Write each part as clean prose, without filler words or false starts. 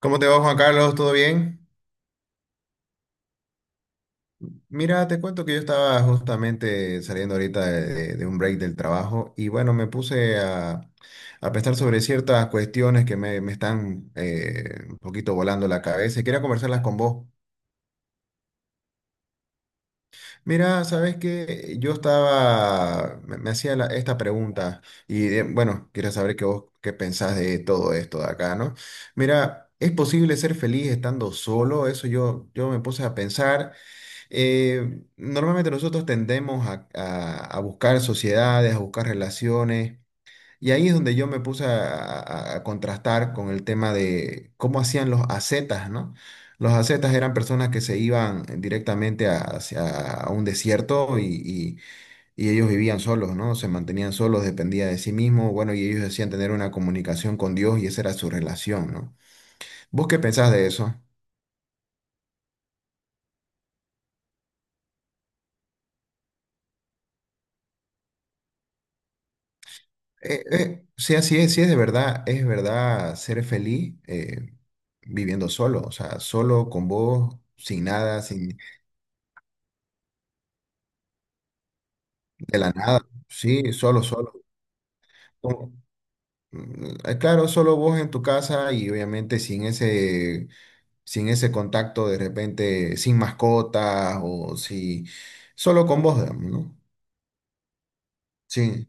¿Cómo te va, Juan Carlos? ¿Todo bien? Mira, te cuento que yo estaba justamente saliendo ahorita de un break del trabajo y bueno, me puse a pensar sobre ciertas cuestiones que me están un poquito volando la cabeza y quería conversarlas con vos. Mira, sabes que yo estaba, esta pregunta y bueno, quería saber qué vos qué pensás de todo esto de acá, ¿no? Mira, ¿es posible ser feliz estando solo? Eso yo me puse a pensar. Normalmente nosotros tendemos a buscar sociedades, a buscar relaciones, y ahí es donde yo me puse a contrastar con el tema de cómo hacían los ascetas, ¿no? Los ascetas eran personas que se iban directamente hacia a un desierto y ellos vivían solos, ¿no? Se mantenían solos, dependía de sí mismo, bueno, y ellos decían tener una comunicación con Dios y esa era su relación, ¿no? ¿Vos qué pensás de eso? Sí, así es, sí es de verdad, es verdad ser feliz viviendo solo, o sea, solo con vos, sin nada, sin de la nada, sí, solo, solo. Como, claro, solo vos en tu casa y obviamente sin ese, sin ese contacto de repente, sin mascotas o si, solo con vos, digamos, ¿no? Sí,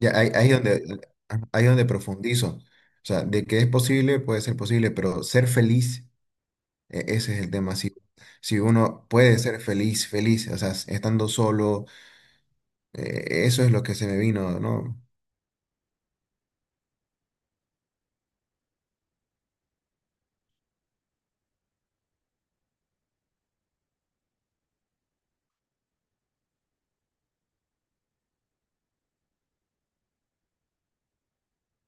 ya ahí donde profundizo, o sea, de que es posible, puede ser posible, pero ser feliz. E- Ese es el tema. Si, si uno puede ser feliz, feliz, o sea, s- estando solo, eso es lo que se me vino, no.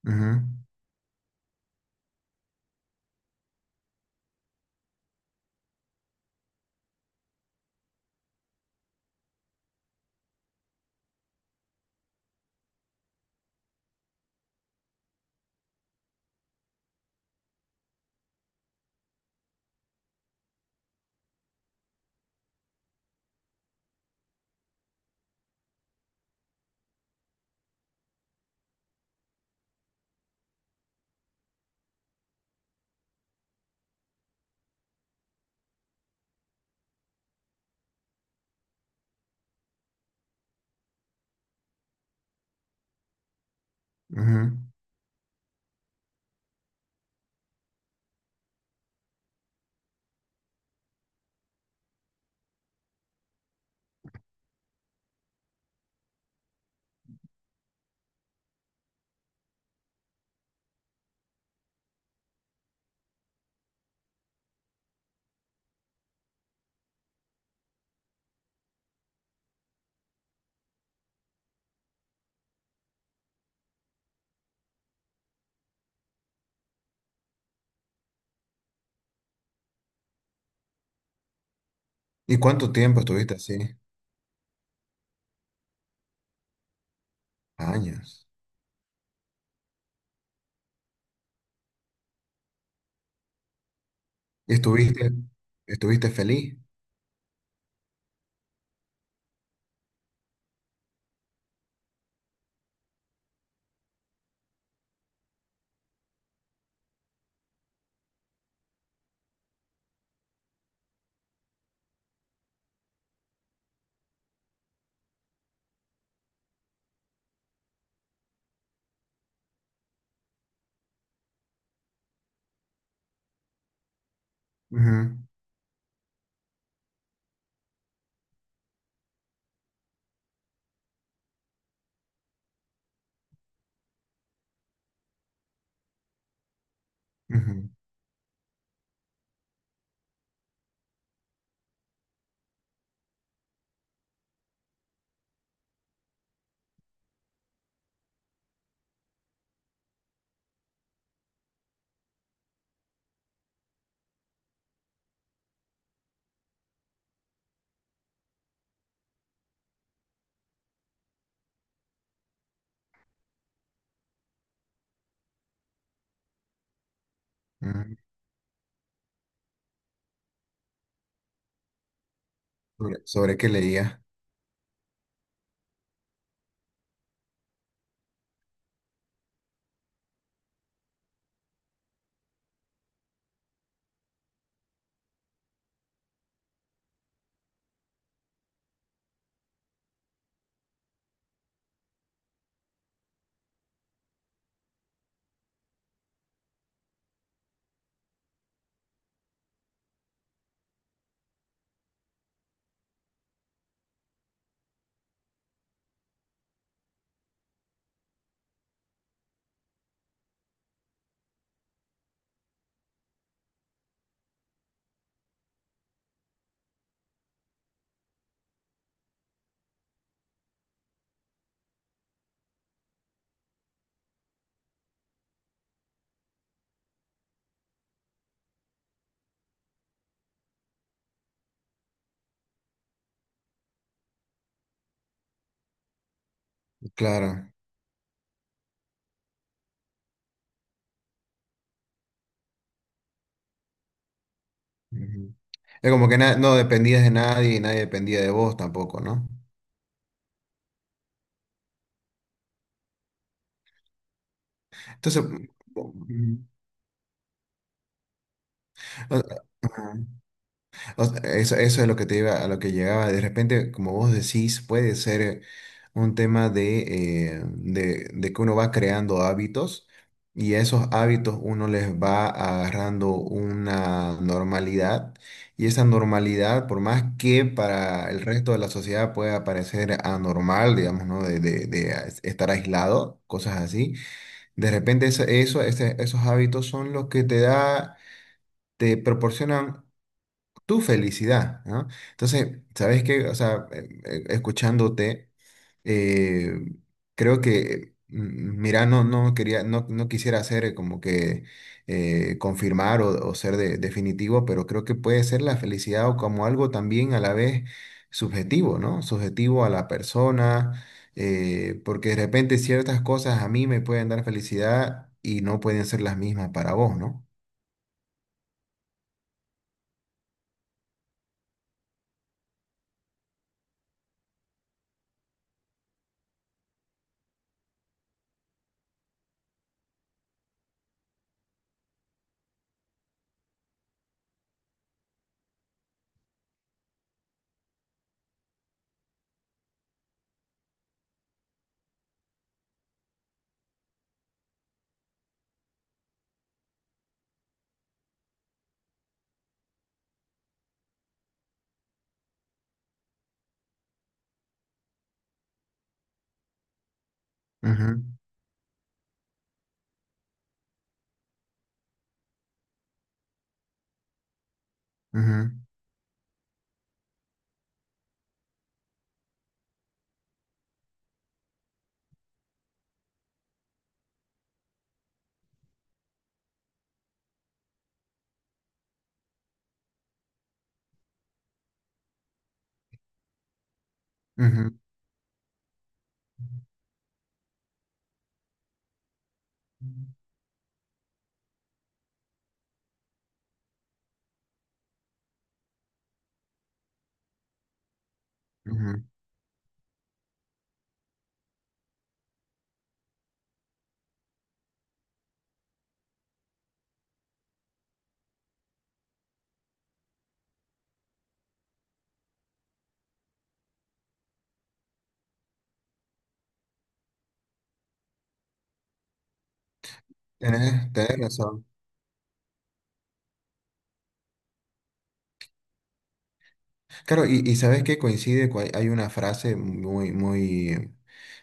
Ujú, ujú. ¿Y cuánto tiempo estuviste así? Años. ¿Y estuviste, estuviste feliz? Ujú, ujú, ujú. ¿Sobre, sobre qué leías? Claro. Ujú. Es como que na- no dependías de nadie y nadie dependía de vos tampoco, ¿no? Entonces, ujú. O sea, eso es lo que te iba, a lo que llegaba. De repente, como vos decís, puede ser un tema de que uno va creando hábitos y a esos hábitos uno les va agarrando una normalidad y esa normalidad, por más que para el resto de la sociedad pueda parecer anormal, digamos, ¿no? De, estar aislado, cosas así, de repente esos hábitos son los que te da, te proporcionan tu felicidad, ¿no? Entonces, ¿sabes qué? O sea, escuchándote, eh, creo que, mira, no quería, no quisiera hacer como que confirmar o ser definitivo, pero creo que puede ser la felicidad o como algo también a la vez subjetivo, ¿no? Subjetivo a la persona, porque de repente ciertas cosas a mí me pueden dar felicidad y no pueden ser las mismas para vos, ¿no? Ujú, ujú, ujú, ujú. Tenés, tenés razón. Claro, y sabes que coincide, con- hay una frase muy, muy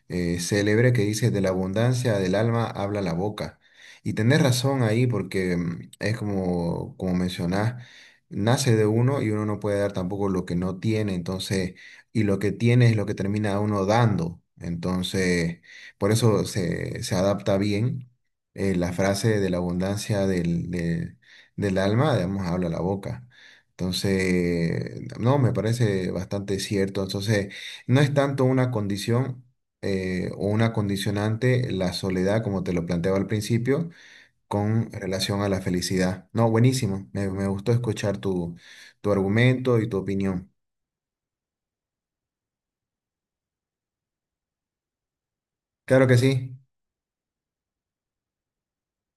célebre que dice, de la abundancia del alma habla la boca. Y tenés razón ahí porque es como, como mencionás, nace de uno y uno no puede dar tampoco lo que no tiene, entonces, y lo que tiene es lo que termina uno dando. Entonces, por eso se, se adapta bien la frase de la abundancia del alma, digamos, habla la boca. Entonces, no, me parece bastante cierto. Entonces, no es tanto una condición o una condicionante la soledad, como te lo planteaba al principio, con relación a la felicidad. No, buenísimo. Me gustó escuchar tu, tu argumento y tu opinión. Claro que sí.